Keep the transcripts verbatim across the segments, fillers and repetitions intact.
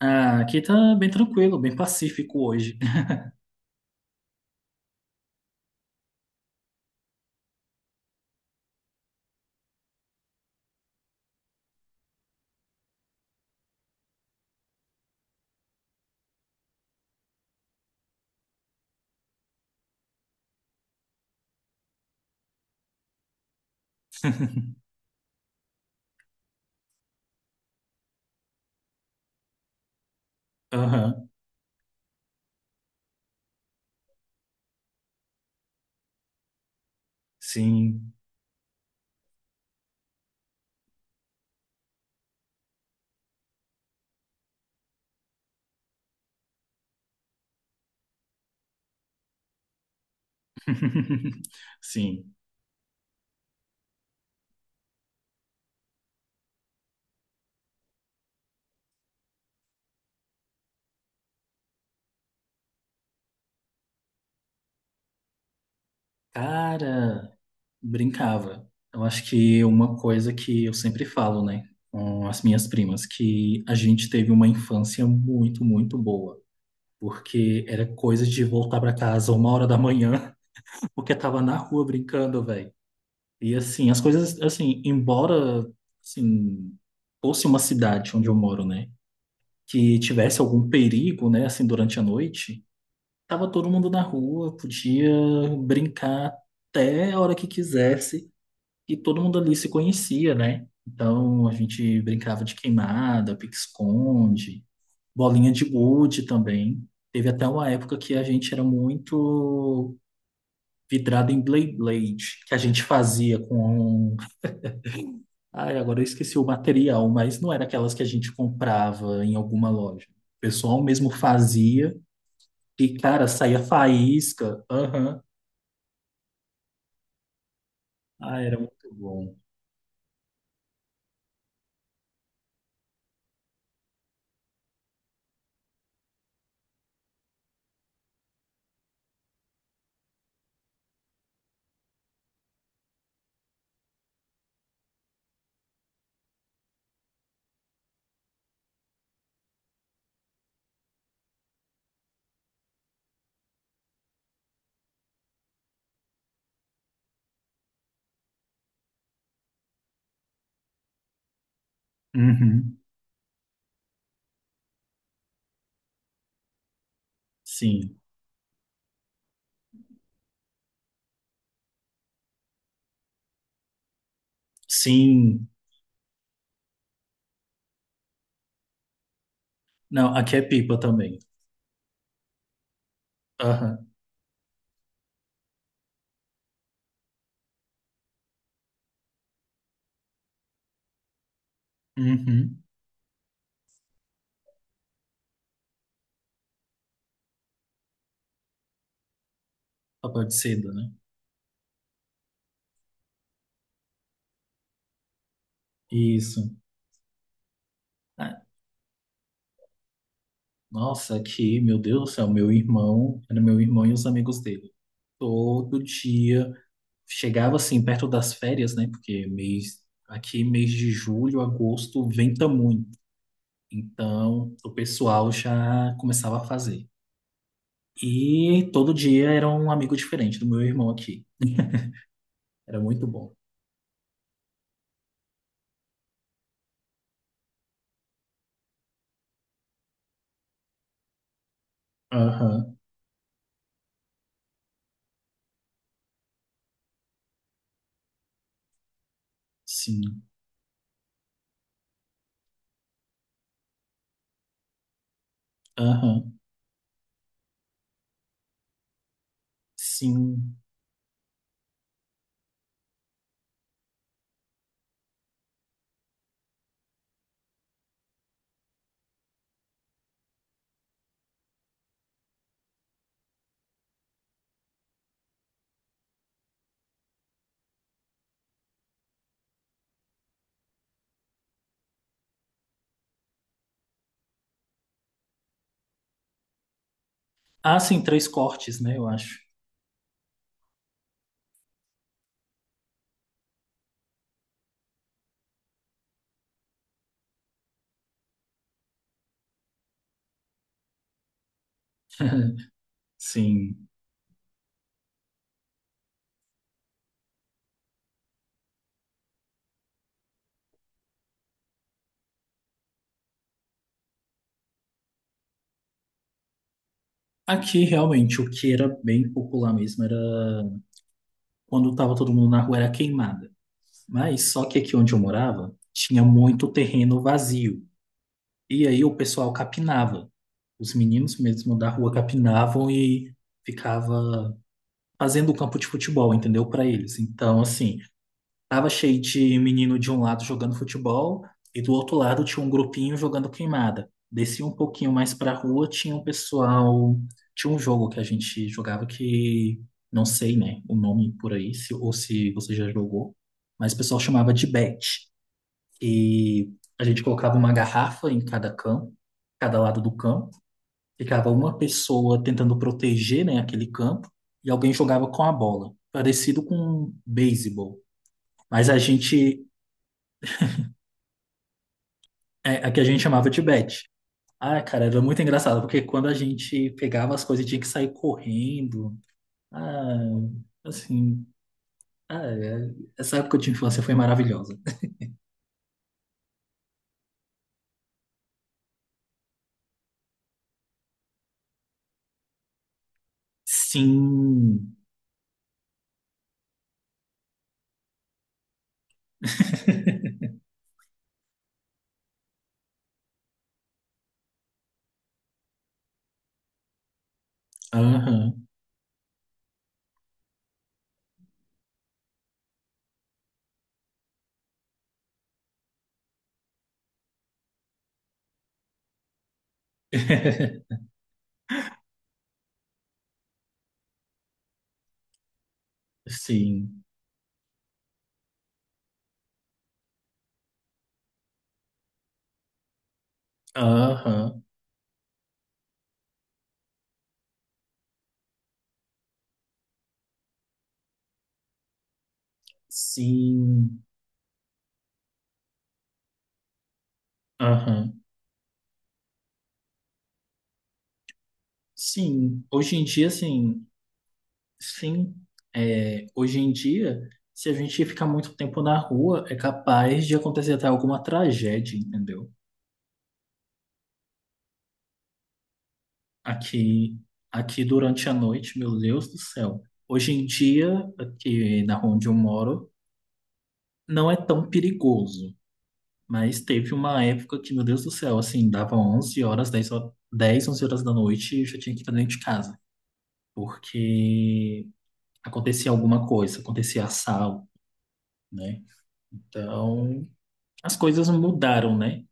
Ah, aqui tá bem tranquilo, bem pacífico hoje. Aham, sim. Sim. Cara, brincava. Eu acho que uma coisa que eu sempre falo, né, com as minhas primas, que a gente teve uma infância muito, muito boa. Porque era coisa de voltar pra casa uma hora da manhã, porque tava na rua brincando, velho. E assim, as coisas, assim, embora, assim, fosse uma cidade onde eu moro, né? Que tivesse algum perigo, né, assim, durante a noite, tava todo mundo na rua, podia brincar até a hora que quisesse e todo mundo ali se conhecia, né? Então a gente brincava de queimada, pique-esconde, bolinha de gude também. Teve até uma época que a gente era muito vidrado em Blade Blade, que a gente fazia com. Ai, agora eu esqueci o material, mas não era aquelas que a gente comprava em alguma loja. O pessoal mesmo fazia. E, cara, saía faísca. Aham. Ah, era muito bom. Uhum. Sim. Sim. Não, aqui é pipa também. Aham. Uhum. Papel de seda, né? Isso. Ah, nossa, aqui, meu Deus do céu, meu irmão, era meu irmão e os amigos dele. Todo dia. Chegava assim, perto das férias, né? Porque mês, aqui, mês de julho, agosto, venta muito. Então, o pessoal já começava a fazer. E todo dia era um amigo diferente do meu irmão aqui. Era muito bom. Aham, sim. Aham, sim. Ah, sim, três cortes, né? Eu acho. Sim. Aqui, realmente, o que era bem popular mesmo era quando tava todo mundo na rua era queimada. Mas só que aqui onde eu morava tinha muito terreno vazio. E aí o pessoal capinava. Os meninos mesmo da rua capinavam e ficava fazendo o campo de futebol, entendeu? Para eles. Então, assim. Tava cheio de menino de um lado jogando futebol e do outro lado tinha um grupinho jogando queimada. Desci um pouquinho mais pra rua, tinha um pessoal, tinha um jogo que a gente jogava que não sei, né, o nome por aí, se, ou se você já jogou, mas o pessoal chamava de bet. E a gente colocava uma garrafa em cada campo, cada lado do campo, ficava uma pessoa tentando proteger, né, aquele campo e alguém jogava com a bola, parecido com beisebol. Mas a gente É, a que a gente chamava de Beth. Ah, cara, era muito engraçado, porque quando a gente pegava as coisas e tinha que sair correndo. Ah, assim. Ah, é- essa época de infância foi maravilhosa. Sim. Aham. Sim. Aham. Sim. Aham. Sim. Hoje em dia, assim, sim. É, hoje em dia, se a gente ficar muito tempo na rua, é capaz de acontecer até alguma tragédia, entendeu? Aqui, aqui, durante a noite, meu Deus do céu. Hoje em dia, aqui na rua onde eu moro, não é tão perigoso. Mas teve uma época que, meu Deus do céu, assim, dava onze horas, dez ho- dez, onze horas da noite e eu já tinha que estar dentro de casa. Porque acontecia alguma coisa, acontecia assalto, né? Então, as coisas mudaram, né?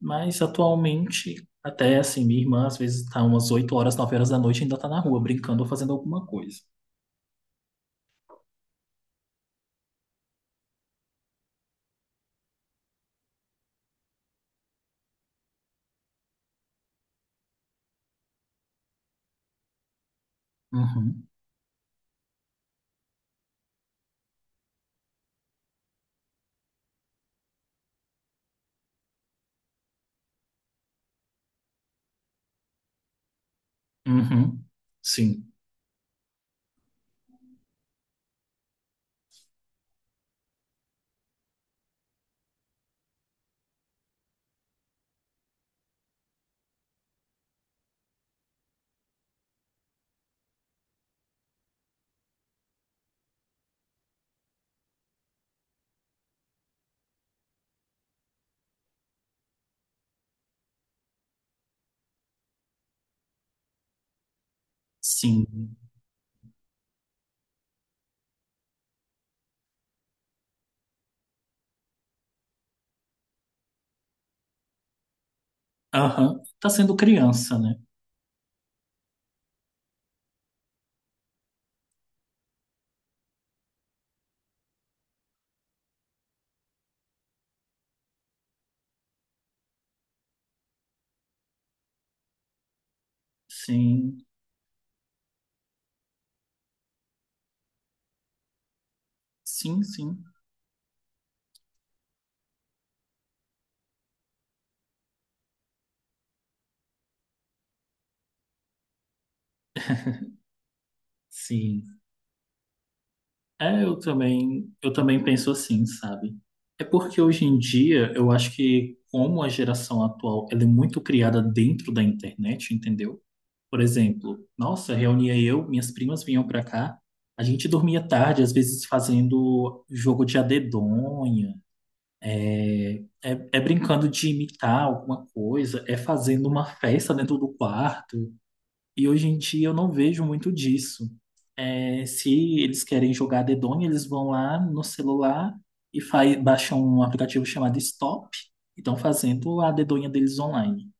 Mas atualmente, até assim, minha irmã às vezes tá umas oito horas, nove horas da noite e ainda tá na rua brincando ou fazendo alguma coisa. Uhum. Uhum. Sim, sim. Aham. Tá sendo criança, né? Sim, sim, sim, sim. É, eu também, eu também penso assim, sabe? É porque hoje em dia eu acho que como a geração atual, ela é muito criada dentro da internet, entendeu? Por exemplo, nossa, reunia eu, minhas primas vinham pra cá, a gente dormia tarde, às vezes fazendo jogo de adedonha, É, é brincando de imitar alguma coisa, é fazendo uma festa dentro do quarto. E hoje em dia eu não vejo muito disso. É, se eles querem jogar dedonha, eles vão lá no celular e faz, baixam um aplicativo chamado Stop e estão fazendo a dedonha deles online.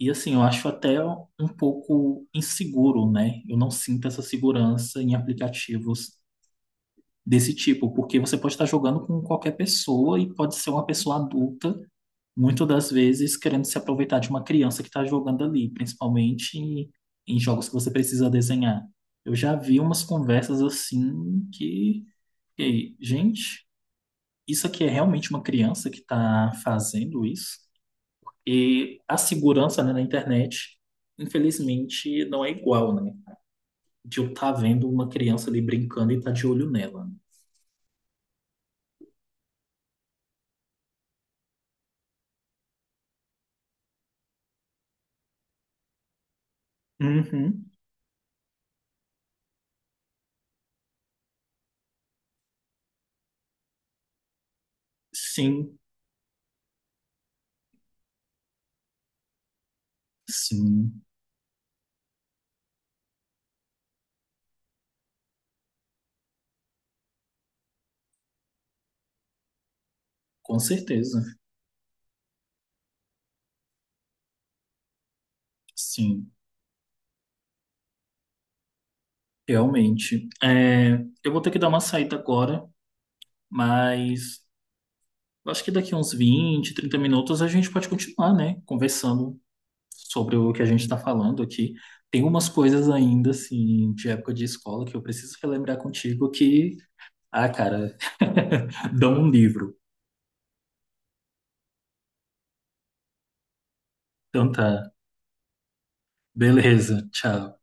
E assim, eu acho até um pouco inseguro, né? Eu não sinto essa segurança em aplicativos desse tipo, porque você pode estar jogando com qualquer pessoa e pode ser uma pessoa adulta muitas das vezes querendo se aproveitar de uma criança que está jogando ali, principalmente em em jogos que você precisa desenhar. Eu já vi umas conversas assim que, fiquei, gente, isso aqui é realmente uma criança que está fazendo isso? E a segurança, né, na internet, infelizmente, não é igual, né? De eu estar vendo uma criança ali brincando e estar de olho nela. Uhum. Sim, sim, com certeza. Sim. Realmente. É, eu vou ter que dar uma saída agora, mas eu acho que daqui uns vinte trinta minutos a gente pode continuar, né? Conversando sobre o que a gente está falando aqui. Tem umas coisas ainda, assim, de época de escola que eu preciso relembrar contigo que, ah, cara, dá um livro. Então tá. Beleza, tchau.